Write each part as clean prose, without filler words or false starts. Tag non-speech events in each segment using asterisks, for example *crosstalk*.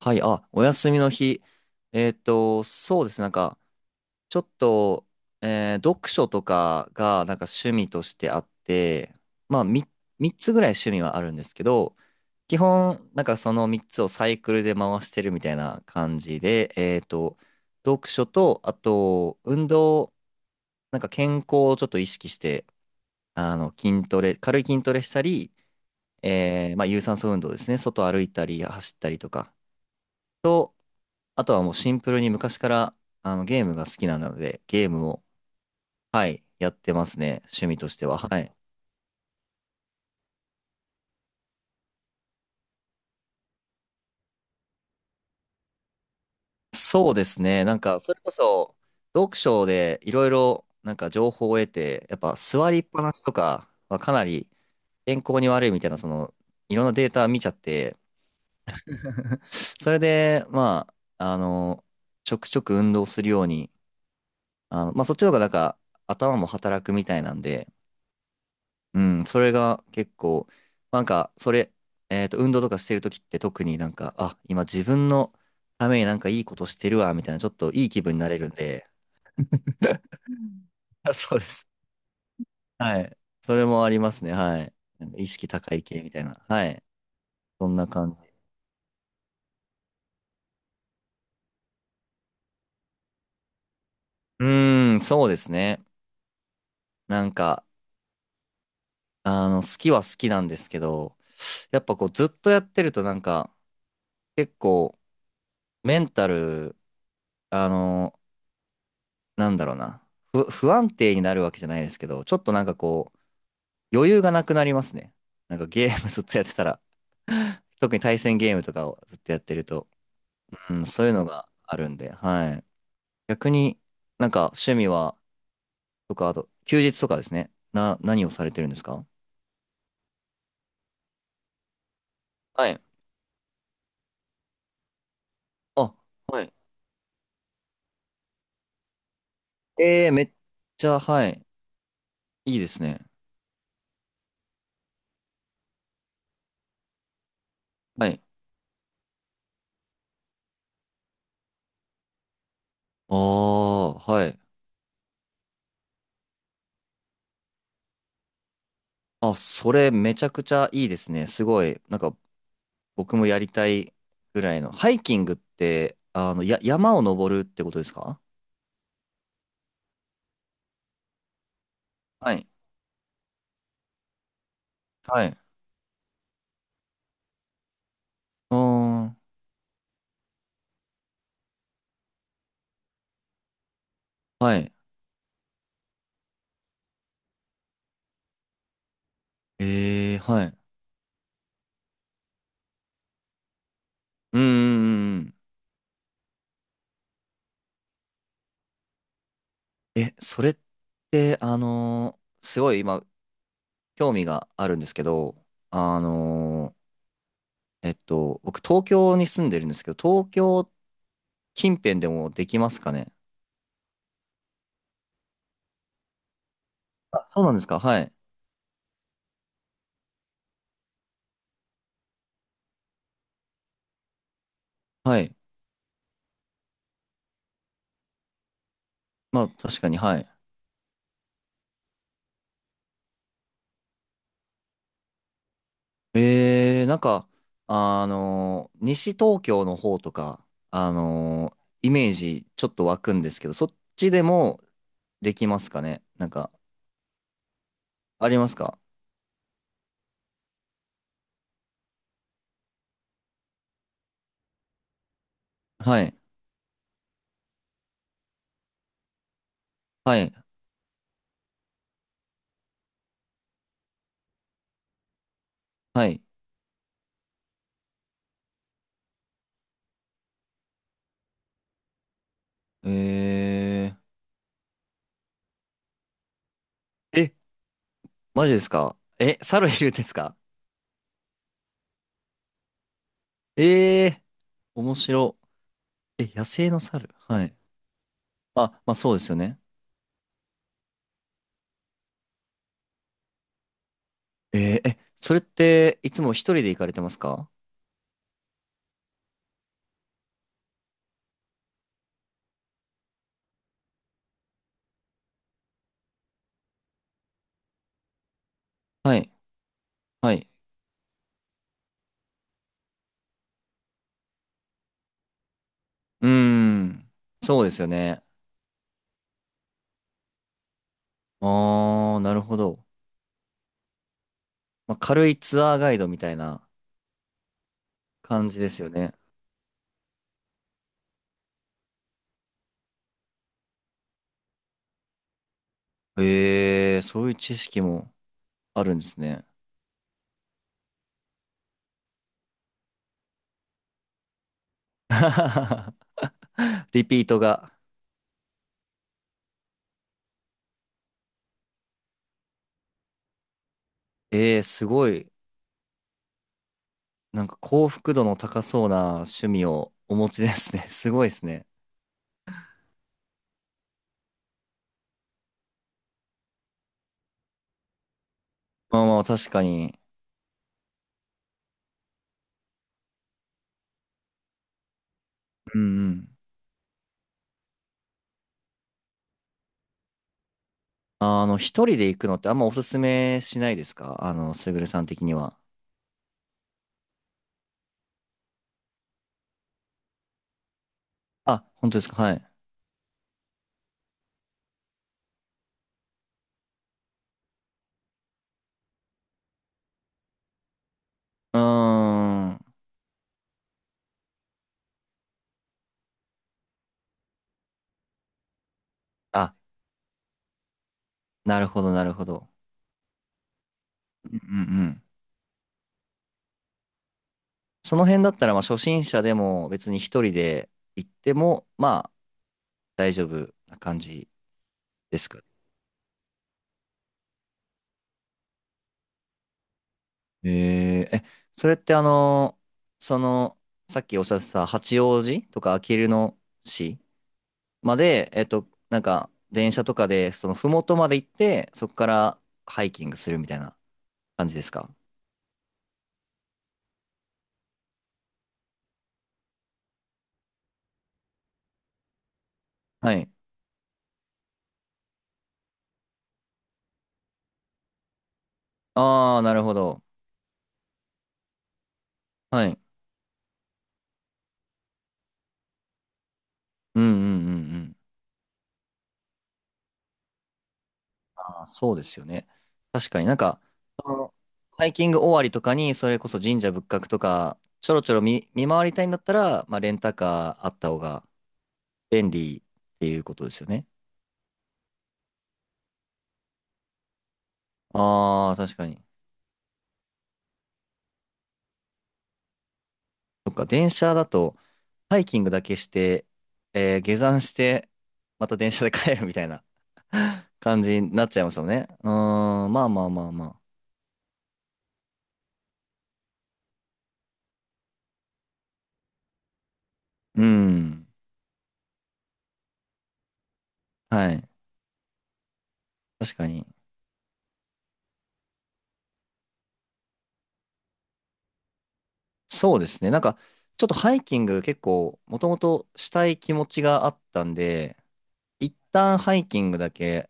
はい、あ、お休みの日。そうですね。なんか、ちょっと、読書とかが、なんか趣味としてあって、まあ、3、つぐらい趣味はあるんですけど、基本、なんかその3つをサイクルで回してるみたいな感じで、読書と、あと、運動、なんか健康をちょっと意識して、あの、筋トレ、軽い筋トレしたり、まあ、有酸素運動ですね。外歩いたり、走ったりとか。あとはもうシンプルに昔からゲームが好きなので、ゲームを、はい、やってますね。趣味としては。はい。そうですね。なんか、それこそ、読書でいろいろ、なんか情報を得て、やっぱ座りっぱなしとかはかなり健康に悪いみたいな、いろんなデータ見ちゃって、*laughs* それで、まあ、ちょくちょく運動するように、まあ、そっちの方がなんか、頭も働くみたいなんで、うん、それが結構、なんか、それ、えっと、運動とかしてるときって特になんか、あ、今自分のためになんかいいことしてるわ、みたいな、ちょっといい気分になれるんで、*laughs* あ、そうです。はい。それもありますね、はい。なんか意識高い系みたいな。はい。そんな感じ。うーん、そうですね。なんか、好きは好きなんですけど、やっぱこう、ずっとやってるとなんか、結構、メンタル、あの、なんだろうな、不安定になるわけじゃないですけど、ちょっとなんかこう、余裕がなくなりますね。なんかゲームずっとやってたら、特に対戦ゲームとかをずっとやってると、うん、そういうのがあるんで、はい。逆になんか趣味は、とか、あと、休日とかですね。何をされてるんですか？はい。あ、はい。めっちゃ、はい。いいですね。はい。ああ、はい。あ、それめちゃくちゃいいですね。すごい。なんか僕もやりたいぐらいの。ハイキングって、山を登るってことですか？はい。はい。あー、はい。はい。うんうんうんうん。え、それって、すごい今、興味があるんですけど、あの僕、東京に住んでるんですけど、東京近辺でもできますかね？あ、そうなんですか？はい。はい。まあ、確かに、はい。なんか、西東京の方とか、あのーイメージちょっと湧くんですけど、そっちでもできますかね？なんか、ありますか？はい、はい、はい。ええ、マジですか？え、猿いるんですか？えー、面白。え、野生の猿。はい。あ、まあそうですよね。え、それっていつも一人で行かれてますか？はい、はい。うーん、そうですよね。ああ、なるほど。まあ、軽いツアーガイドみたいな感じですよね。ええ、そういう知識もあるんですね。*laughs* リピートが。ええ、すごい。なんか幸福度の高そうな趣味をお持ちですね。*laughs* すごいですね。まあまあ、確かに。うんうん。一人で行くのってあんまおすすめしないですか？すぐるさん的には。あ、本当ですか？はい。うーん。あ、なるほど、なるほど。うんうんうん。その辺だったら、まあ、初心者でも別に一人で行っても、まあ、大丈夫な感じですか？え、それってその、さっきおっしゃってた八王子とかあきる野市まで、なんか、電車とかで、麓まで行って、そこからハイキングするみたいな感じですか？はい。ああ、なるほど。はい。うんうんうんうん。あ、そうですよね。確かになんか、そのハイキング終わりとかに、それこそ神社仏閣とか、ちょろちょろ見回りたいんだったら、まあ、レンタカーあった方が便利っていうことですよね。ああ、確かに。そっか、電車だと、ハイキングだけして、下山して、また電車で帰るみたいな *laughs* 感じになっちゃいますよね。うーん、まあまあまあまあ。うん、はい。確かに。そうですね。なんか、ちょっとハイキング結構、もともとしたい気持ちがあったんで、一旦ハイキングだけ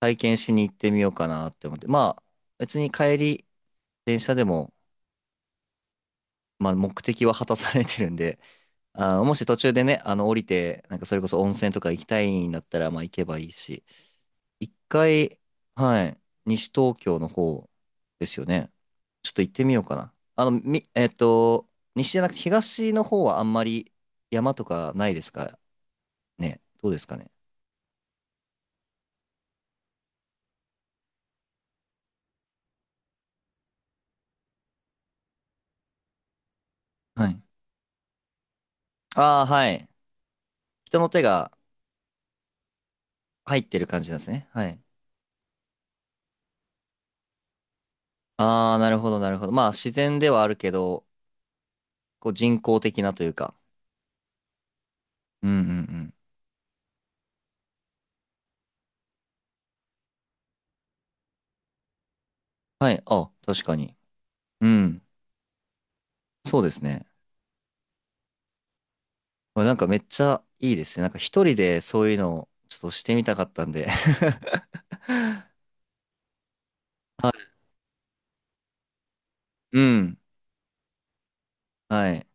体験しに行ってみようかなって思って、まあ、別に帰り、電車でも、まあ、目的は果たされてるんで、*laughs* あー、もし途中でね、降りて、なんかそれこそ温泉とか行きたいんだったら、まあ、行けばいいし、一回、はい、西東京の方ですよね。ちょっと行ってみようかな。あの、み、えっと、西じゃなくて東の方はあんまり山とかないですかね？どうですかね？はい。ああ、はい。人の手が入ってる感じなんですね。はい。ああ、なるほど、なるほど。まあ、自然ではあるけど、こう人工的なというか。うんうんうん。はい。あ、確かに。うん。そうですね。これなんかめっちゃいいですね。なんか一人でそういうのをちょっとしてみたかったんで *laughs* うん。はい。